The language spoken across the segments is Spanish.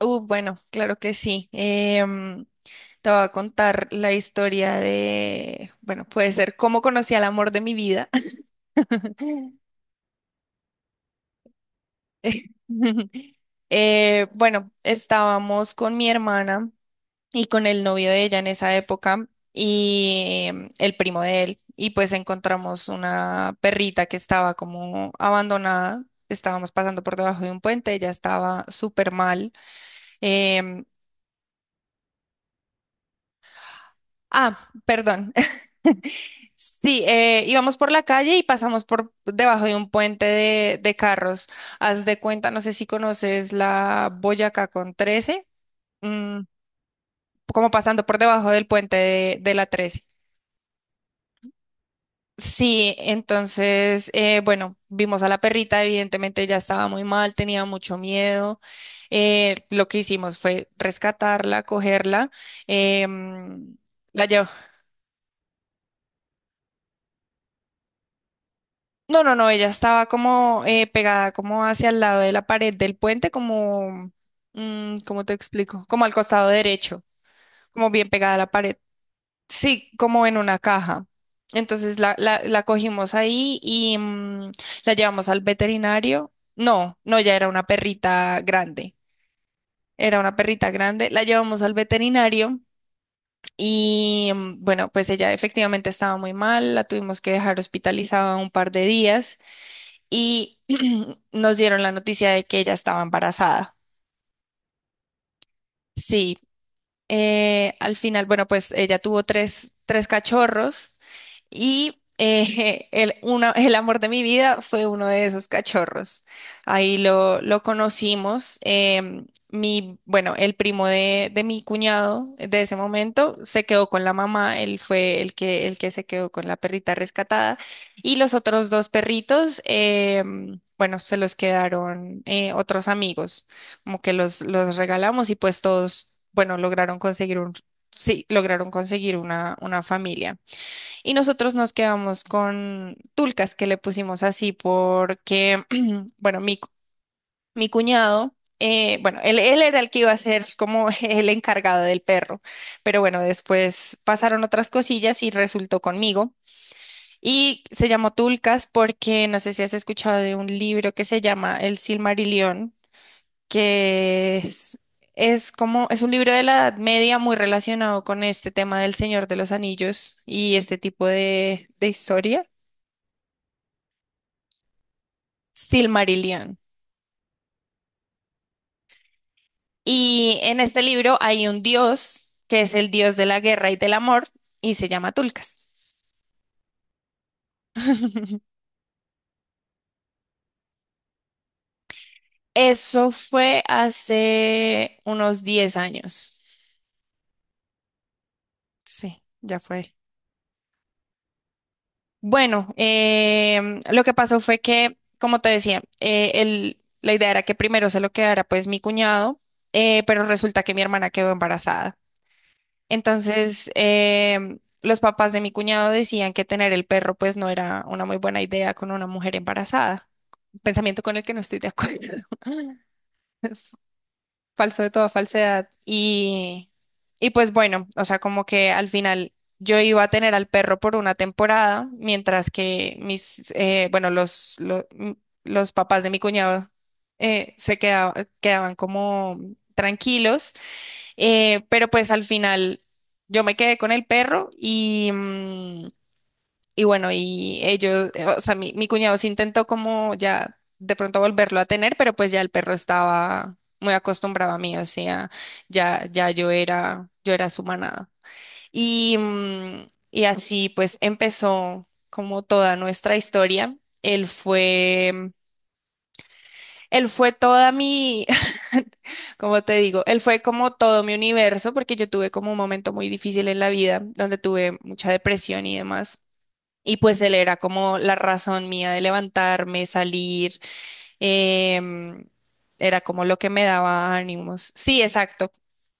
Bueno, claro que sí. Te voy a contar la historia de, bueno, puede ser cómo conocí al amor de mi vida. Bueno, estábamos con mi hermana y con el novio de ella en esa época y el primo de él. Y pues encontramos una perrita que estaba como abandonada. Estábamos pasando por debajo de un puente, ella estaba súper mal. em, Ah, perdón. Sí, íbamos por la calle y pasamos por debajo de un puente de carros. Haz de cuenta, no sé si conoces la Boyacá con 13, mm, como pasando por debajo del puente de la 13. Sí, entonces, bueno, vimos a la perrita, evidentemente ya estaba muy mal, tenía mucho miedo. Lo que hicimos fue rescatarla, cogerla. eh, mm, la llev- No, no, no, ella estaba como pegada como hacia el lado de la pared del puente, como, ¿cómo te explico? Como al costado derecho, como bien pegada a la pared. Sí, como en una caja. Entonces la cogimos ahí y la llevamos al veterinario. No, no, ya era una perrita grande. Era una perrita grande. La llevamos al veterinario y bueno, pues ella efectivamente estaba muy mal. La tuvimos que dejar hospitalizada un par de días y nos dieron la noticia de que ella estaba embarazada. Sí, al final, bueno, pues ella tuvo tres cachorros y el amor de mi vida fue uno de esos cachorros. Ahí lo conocimos. Bueno, el primo de mi cuñado de ese momento se quedó con la mamá. Él fue el que se quedó con la perrita rescatada. Y los otros dos perritos, bueno, se los quedaron, otros amigos. Como que los regalamos y pues todos, bueno, lograron conseguir un, sí, lograron conseguir una familia. Y nosotros nos quedamos con Tulcas, que le pusimos así porque, bueno, mi cuñado, bueno, él era el que iba a ser como el encargado del perro, pero bueno, después pasaron otras cosillas y resultó conmigo. Y se llamó Tulcas porque no sé si has escuchado de un libro que se llama El Silmarillion, que es como, es un libro de la Edad Media muy relacionado con este tema del Señor de los Anillos y este tipo de historias. Silmarillion. Y en este libro hay un dios que es el dios de la guerra y del amor y se llama Tulkas. Eso fue hace unos 10 años. Sí, ya fue. Bueno, lo que pasó fue que, como te decía, la idea era que primero se lo quedara pues mi cuñado, pero resulta que mi hermana quedó embarazada. Entonces, los papás de mi cuñado decían que tener el perro pues no era una muy buena idea con una mujer embarazada. Pensamiento con el que no estoy de acuerdo. Falso de toda falsedad. Y pues bueno, o sea, como que al final yo iba a tener al perro por una temporada, mientras que mis, bueno, los, lo- m- los, papás de mi cuñado, eh, se queda- quedaban como tranquilos. Pero pues al final yo me quedé con el perro y bueno, y ellos, o sea, mi cuñado sí intentó como ya de pronto volverlo a tener, pero pues ya el perro estaba muy acostumbrado a mí, o sea, ya yo era su manada. Y así pues empezó como toda nuestra historia. Él fue toda mi, como te digo, él fue como todo mi universo, porque yo tuve como un momento muy difícil en la vida, donde tuve mucha depresión y demás. Y pues él era como la razón mía de levantarme, salir, em, era como lo que me daba ánimos. Sí, exacto,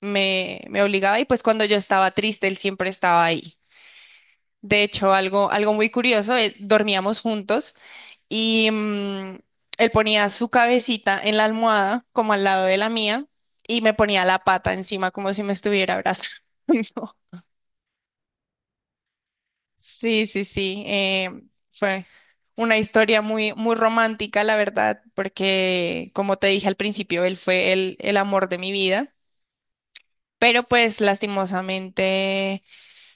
me obligaba y pues cuando yo estaba triste, él siempre estaba ahí. De hecho, algo muy curioso, dormíamos juntos. Y él ponía su cabecita en la almohada, como al lado de la mía, y me ponía la pata encima, como si me estuviera abrazando. Sí, sí, sí. Fue una historia muy, muy romántica, la verdad, porque, como te dije al principio, él fue el amor de mi vida. Pero pues lastimosamente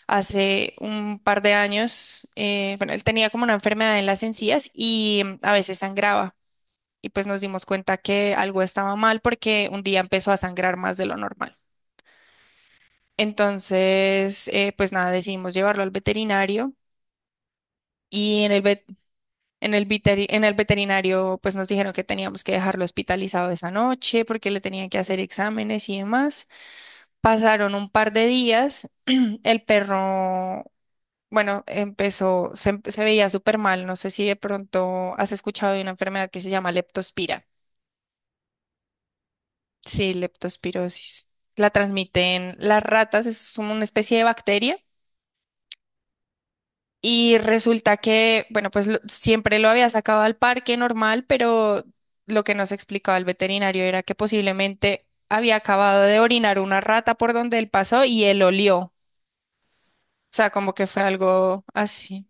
hace un par de años, bueno, él tenía como una enfermedad en las encías y a veces sangraba. Y pues nos dimos cuenta que algo estaba mal porque un día empezó a sangrar más de lo normal. Entonces, pues nada, decidimos llevarlo al veterinario y en el veterinario pues nos dijeron que teníamos que dejarlo hospitalizado esa noche porque le tenían que hacer exámenes y demás. Pasaron un par de días, el perro, bueno, empezó, se veía súper mal, no sé si de pronto has escuchado de una enfermedad que se llama leptospira. Sí, leptospirosis. La transmiten las ratas, es una especie de bacteria. Y resulta que, bueno, pues siempre lo había sacado al parque normal, pero lo que nos explicaba el veterinario era que posiblemente había acabado de orinar una rata por donde él pasó y él olió. O sea, como que fue algo así.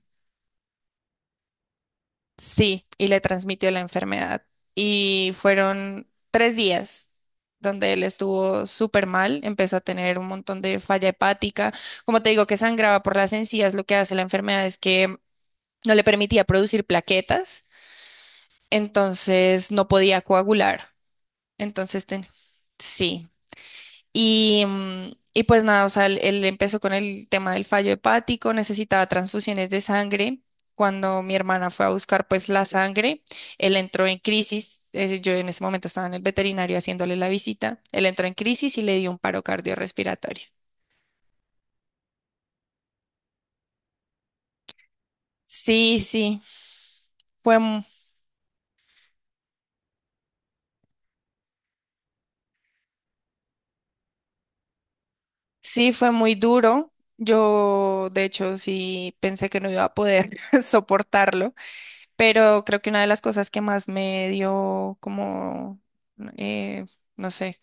Sí, y le transmitió la enfermedad. Y fueron 3 días donde él estuvo súper mal, empezó a tener un montón de falla hepática. Como te digo, que sangraba por las encías, lo que hace la enfermedad es que no le permitía producir plaquetas, entonces no podía coagular. Entonces, sí. Y pues nada, o sea, él empezó con el tema del fallo hepático, necesitaba transfusiones de sangre. Cuando mi hermana fue a buscar pues la sangre, él entró en crisis. Es yo en ese momento estaba en el veterinario haciéndole la visita. Él entró en crisis y le dio un paro cardiorrespiratorio. Sí, sí, fue, mu- sí, fue muy duro. Yo, de hecho, sí pensé que no iba a poder soportarlo. Pero creo que una de las cosas que más me dio como, eh, no sé,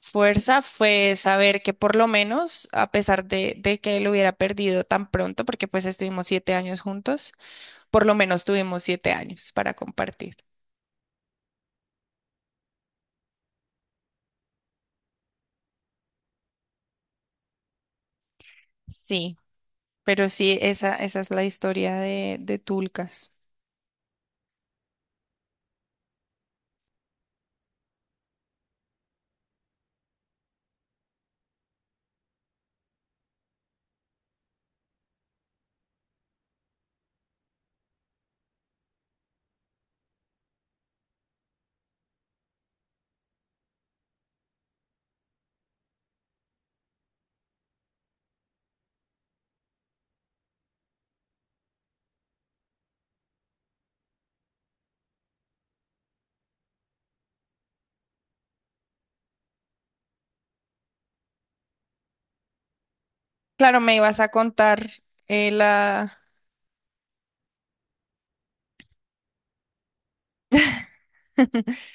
fuerza fue saber que por lo menos, a pesar de que él hubiera perdido tan pronto, porque pues estuvimos 7 años juntos, por lo menos tuvimos 7 años para compartir. Sí. Pero sí, esa es la historia de Tulcas. Claro, me ibas a contar la...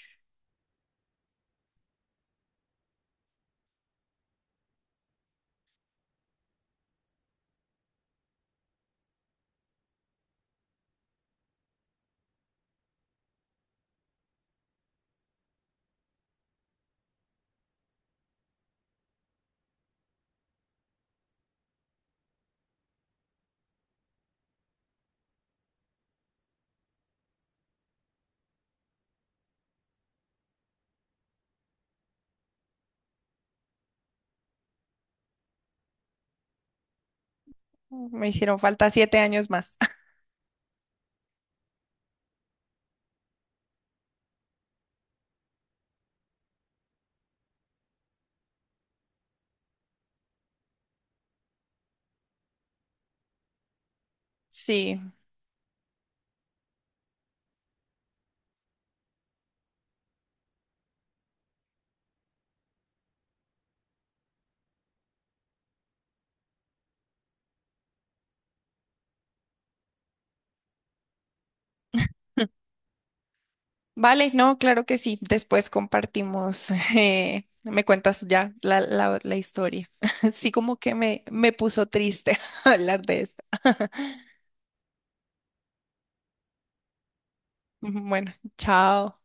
Me hicieron falta 7 años más. Sí. Vale, no, claro que sí. Después compartimos, me cuentas ya la historia. Sí, como que me puso triste hablar de esto. Bueno, chao.